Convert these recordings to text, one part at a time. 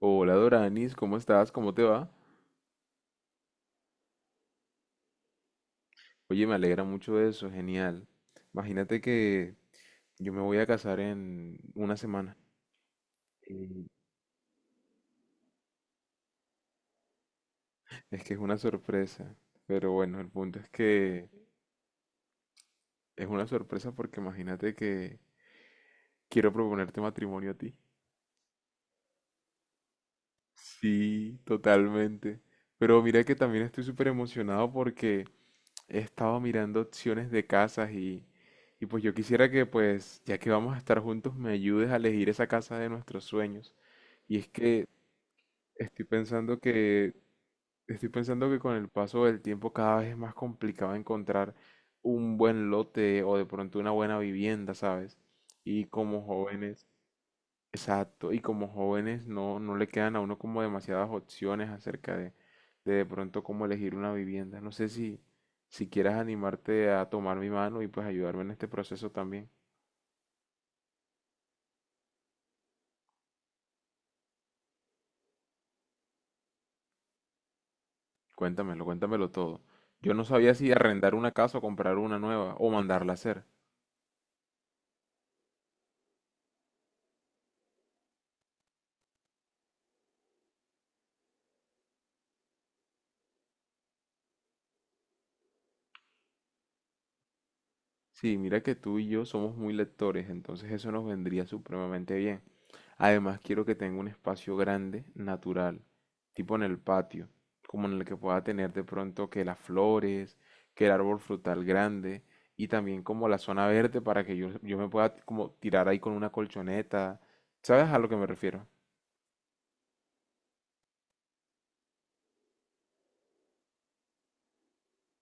Hola Doranis, ¿cómo estás? ¿Cómo te va? Oye, me alegra mucho eso, genial. Imagínate que yo me voy a casar en una semana. Y Es que es una sorpresa, pero bueno, el punto es que es una sorpresa porque imagínate que quiero proponerte matrimonio a ti. Sí, totalmente. Pero mira que también estoy súper emocionado porque he estado mirando opciones de casas y pues yo quisiera que pues, ya que vamos a estar juntos, me ayudes a elegir esa casa de nuestros sueños. Y es que estoy pensando que, estoy pensando que con el paso del tiempo cada vez es más complicado encontrar un buen lote o de pronto una buena vivienda, ¿sabes? Y como jóvenes, Exacto, y como jóvenes no le quedan a uno como demasiadas opciones acerca de pronto cómo elegir una vivienda. No sé si quieras animarte a tomar mi mano y pues ayudarme en este proceso también. Cuéntamelo, cuéntamelo todo. Yo no sabía si arrendar una casa o comprar una nueva o mandarla a hacer. Sí, mira que tú y yo somos muy lectores, entonces eso nos vendría supremamente bien. Además, quiero que tenga un espacio grande, natural, tipo en el patio, como en el que pueda tener de pronto que las flores, que el árbol frutal grande y también como la zona verde para que yo me pueda como tirar ahí con una colchoneta. ¿Sabes a lo que me refiero?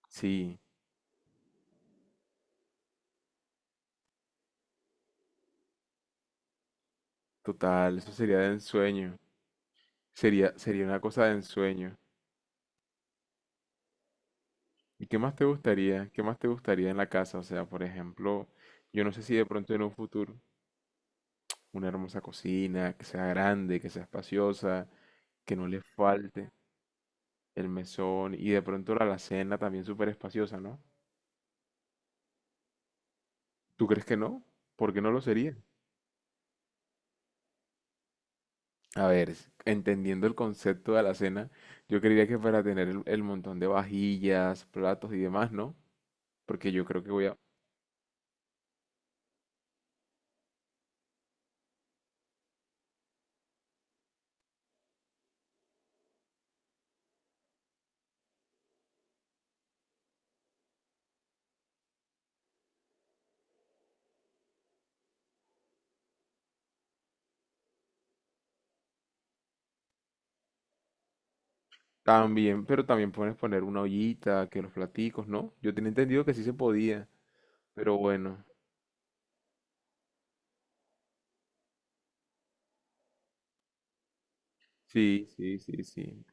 Sí, total, eso sería de ensueño. Sería una cosa de ensueño. ¿Y qué más te gustaría? ¿Qué más te gustaría en la casa? O sea, por ejemplo, yo no sé si de pronto en un futuro una hermosa cocina, que sea grande, que sea espaciosa, que no le falte el mesón y de pronto la alacena también súper espaciosa, ¿no? ¿Tú crees que no? ¿Por qué no lo sería? A ver, entendiendo el concepto de alacena, yo creería que para tener el montón de vajillas, platos y demás, ¿no? Porque yo creo que voy a... También, pero también puedes poner una ollita, que los platicos, ¿no? Yo tenía entendido que sí se podía. Pero bueno, sí.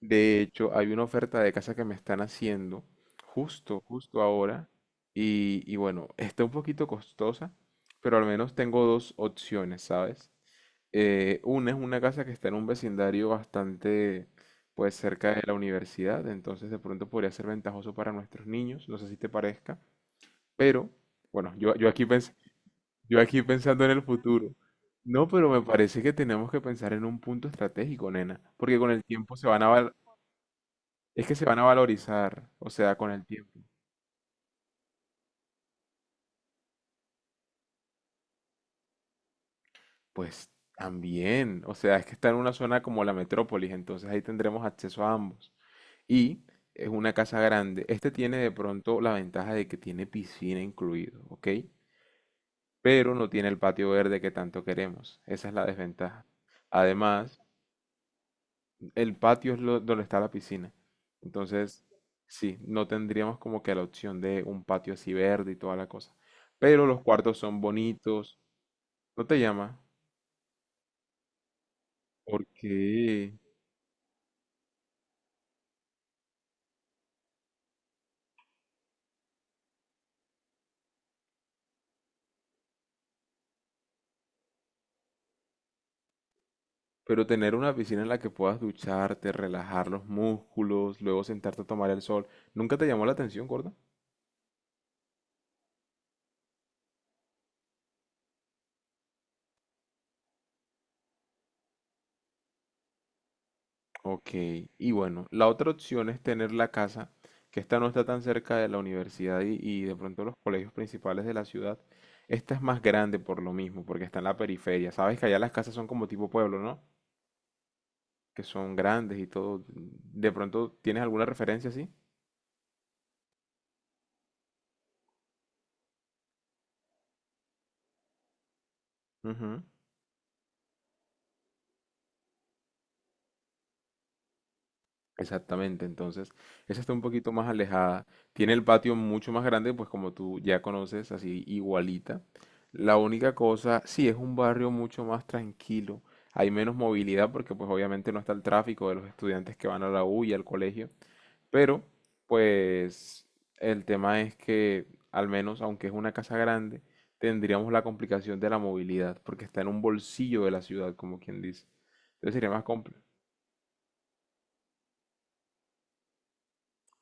De hecho, hay una oferta de casa que me están haciendo justo ahora. Y bueno, está un poquito costosa, pero al menos tengo dos opciones, ¿sabes? Una es una casa que está en un vecindario bastante, pues, cerca de la universidad, entonces de pronto podría ser ventajoso para nuestros niños, no sé si te parezca, pero bueno, yo aquí yo aquí pensando en el futuro. No, pero me parece que tenemos que pensar en un punto estratégico, nena, porque con el tiempo se van a val- es que se van a valorizar, o sea, con el tiempo. Pues también, o sea, es que está en una zona como la metrópolis, entonces ahí tendremos acceso a ambos. Y es una casa grande. Este tiene de pronto la ventaja de que tiene piscina incluido, ¿ok? Pero no tiene el patio verde que tanto queremos. Esa es la desventaja. Además, el patio donde está la piscina. Entonces, sí, no tendríamos como que la opción de un patio así verde y toda la cosa. Pero los cuartos son bonitos. ¿No te llama? ¿Por qué? Pero tener una piscina en la que puedas ducharte, relajar los músculos, luego sentarte a tomar el sol, ¿nunca te llamó la atención, gorda? Ok, y bueno, la otra opción es tener la casa, que esta no está tan cerca de la universidad y de pronto los colegios principales de la ciudad. Esta es más grande por lo mismo, porque está en la periferia. Sabes que allá las casas son como tipo pueblo, ¿no? Que son grandes y todo. ¿De pronto tienes alguna referencia así? Ujú. Exactamente, entonces esa está un poquito más alejada. Tiene el patio mucho más grande, pues como tú ya conoces, así igualita. La única cosa, sí, es un barrio mucho más tranquilo. Hay menos movilidad porque pues obviamente no está el tráfico de los estudiantes que van a la U y al colegio. Pero pues el tema es que al menos, aunque es una casa grande, tendríamos la complicación de la movilidad porque está en un bolsillo de la ciudad, como quien dice. Entonces sería más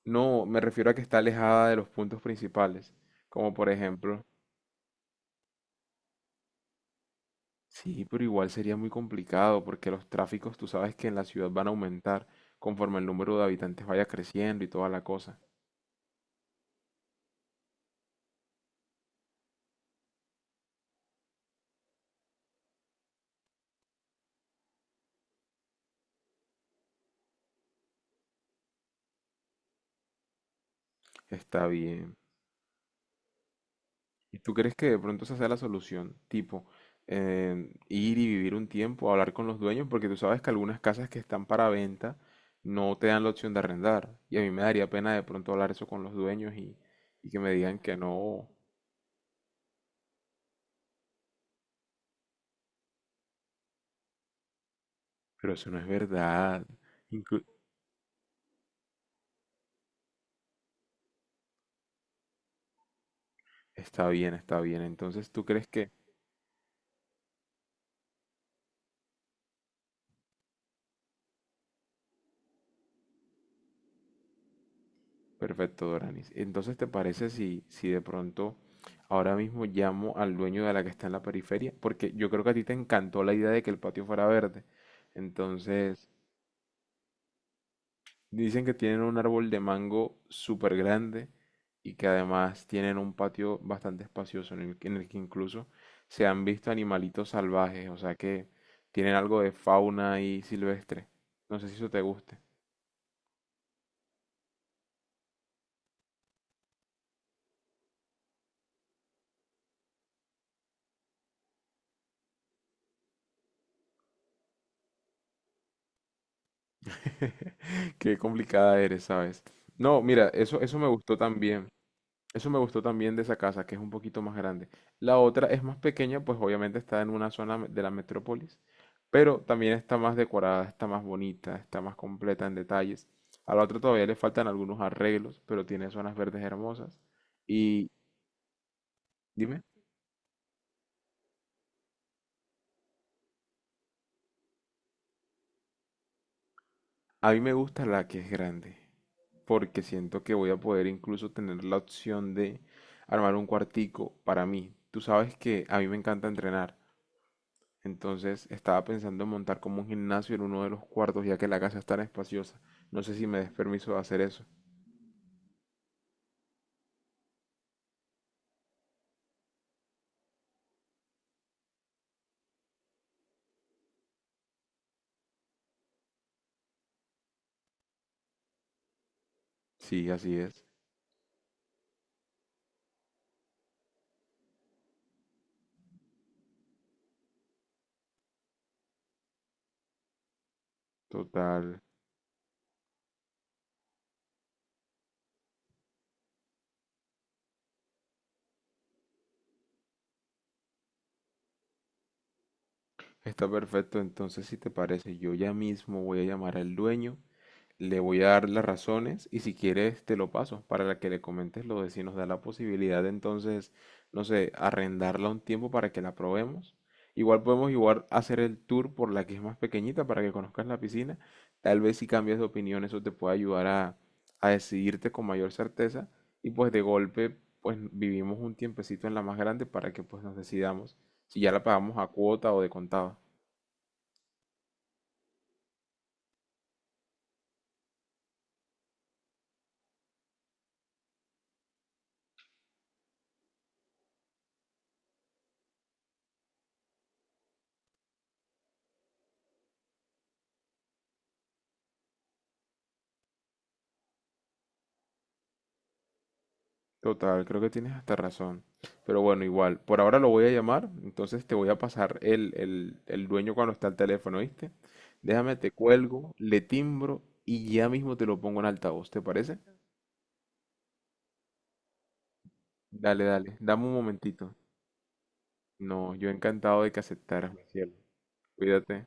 No, me refiero a que está alejada de los puntos principales, como por ejemplo, sí, pero igual sería muy complicado porque los tráficos, tú sabes que en la ciudad van a aumentar conforme el número de habitantes vaya creciendo y toda la cosa. Está bien. ¿Y tú crees que de pronto esa sea la solución? Tipo, ir y vivir un tiempo, hablar con los dueños, porque tú sabes que algunas casas que están para venta no te dan la opción de arrendar. Y a mí me daría pena de pronto hablar eso con los dueños y que me digan que no. Pero eso no es verdad. Inclu- está bien, está bien. Entonces, ¿tú crees que... Perfecto, Doranis. Entonces, ¿te parece si de pronto ahora mismo llamo al dueño de la que está en la periferia? Porque yo creo que a ti te encantó la idea de que el patio fuera verde. Entonces, dicen que tienen un árbol de mango súper grande y que además tienen un patio bastante espacioso en en el que incluso se han visto animalitos salvajes, o sea que tienen algo de fauna ahí silvestre. No sé si eso te guste. Qué complicada eres, ¿sabes? No, mira, eso me gustó también. Eso me gustó también de esa casa, que es un poquito más grande. La otra es más pequeña, pues obviamente está en una zona de la metrópolis, pero también está más decorada, está más bonita, está más completa en detalles. A la otra todavía le faltan algunos arreglos, pero tiene zonas verdes hermosas. Y dime. A mí me gusta la que es grande, porque siento que voy a poder incluso tener la opción de armar un cuartico para mí. Tú sabes que a mí me encanta entrenar, entonces estaba pensando en montar como un gimnasio en uno de los cuartos, ya que la casa es tan espaciosa. No sé si me des permiso de hacer eso. Sí, así es. Total. Está perfecto. Entonces, si te parece, yo ya mismo voy a llamar al dueño. Le voy a dar las razones y si quieres te lo paso para que le comentes lo de si nos da la posibilidad de entonces, no sé, arrendarla un tiempo para que la probemos. Igual podemos igual hacer el tour por la que es más pequeñita para que conozcas la piscina. Tal vez si cambias de opinión eso te puede ayudar a decidirte con mayor certeza y pues de golpe pues vivimos un tiempecito en la más grande para que pues nos decidamos si ya la pagamos a cuota o de contado. Total, creo que tienes hasta razón. Pero bueno, igual, por ahora lo voy a llamar, entonces te voy a pasar el dueño cuando está al teléfono, ¿viste? Déjame, te cuelgo, le timbro y ya mismo te lo pongo en altavoz, ¿te parece? Dale, dale, dame un momentito. No, yo encantado de que aceptaras. Cuídate.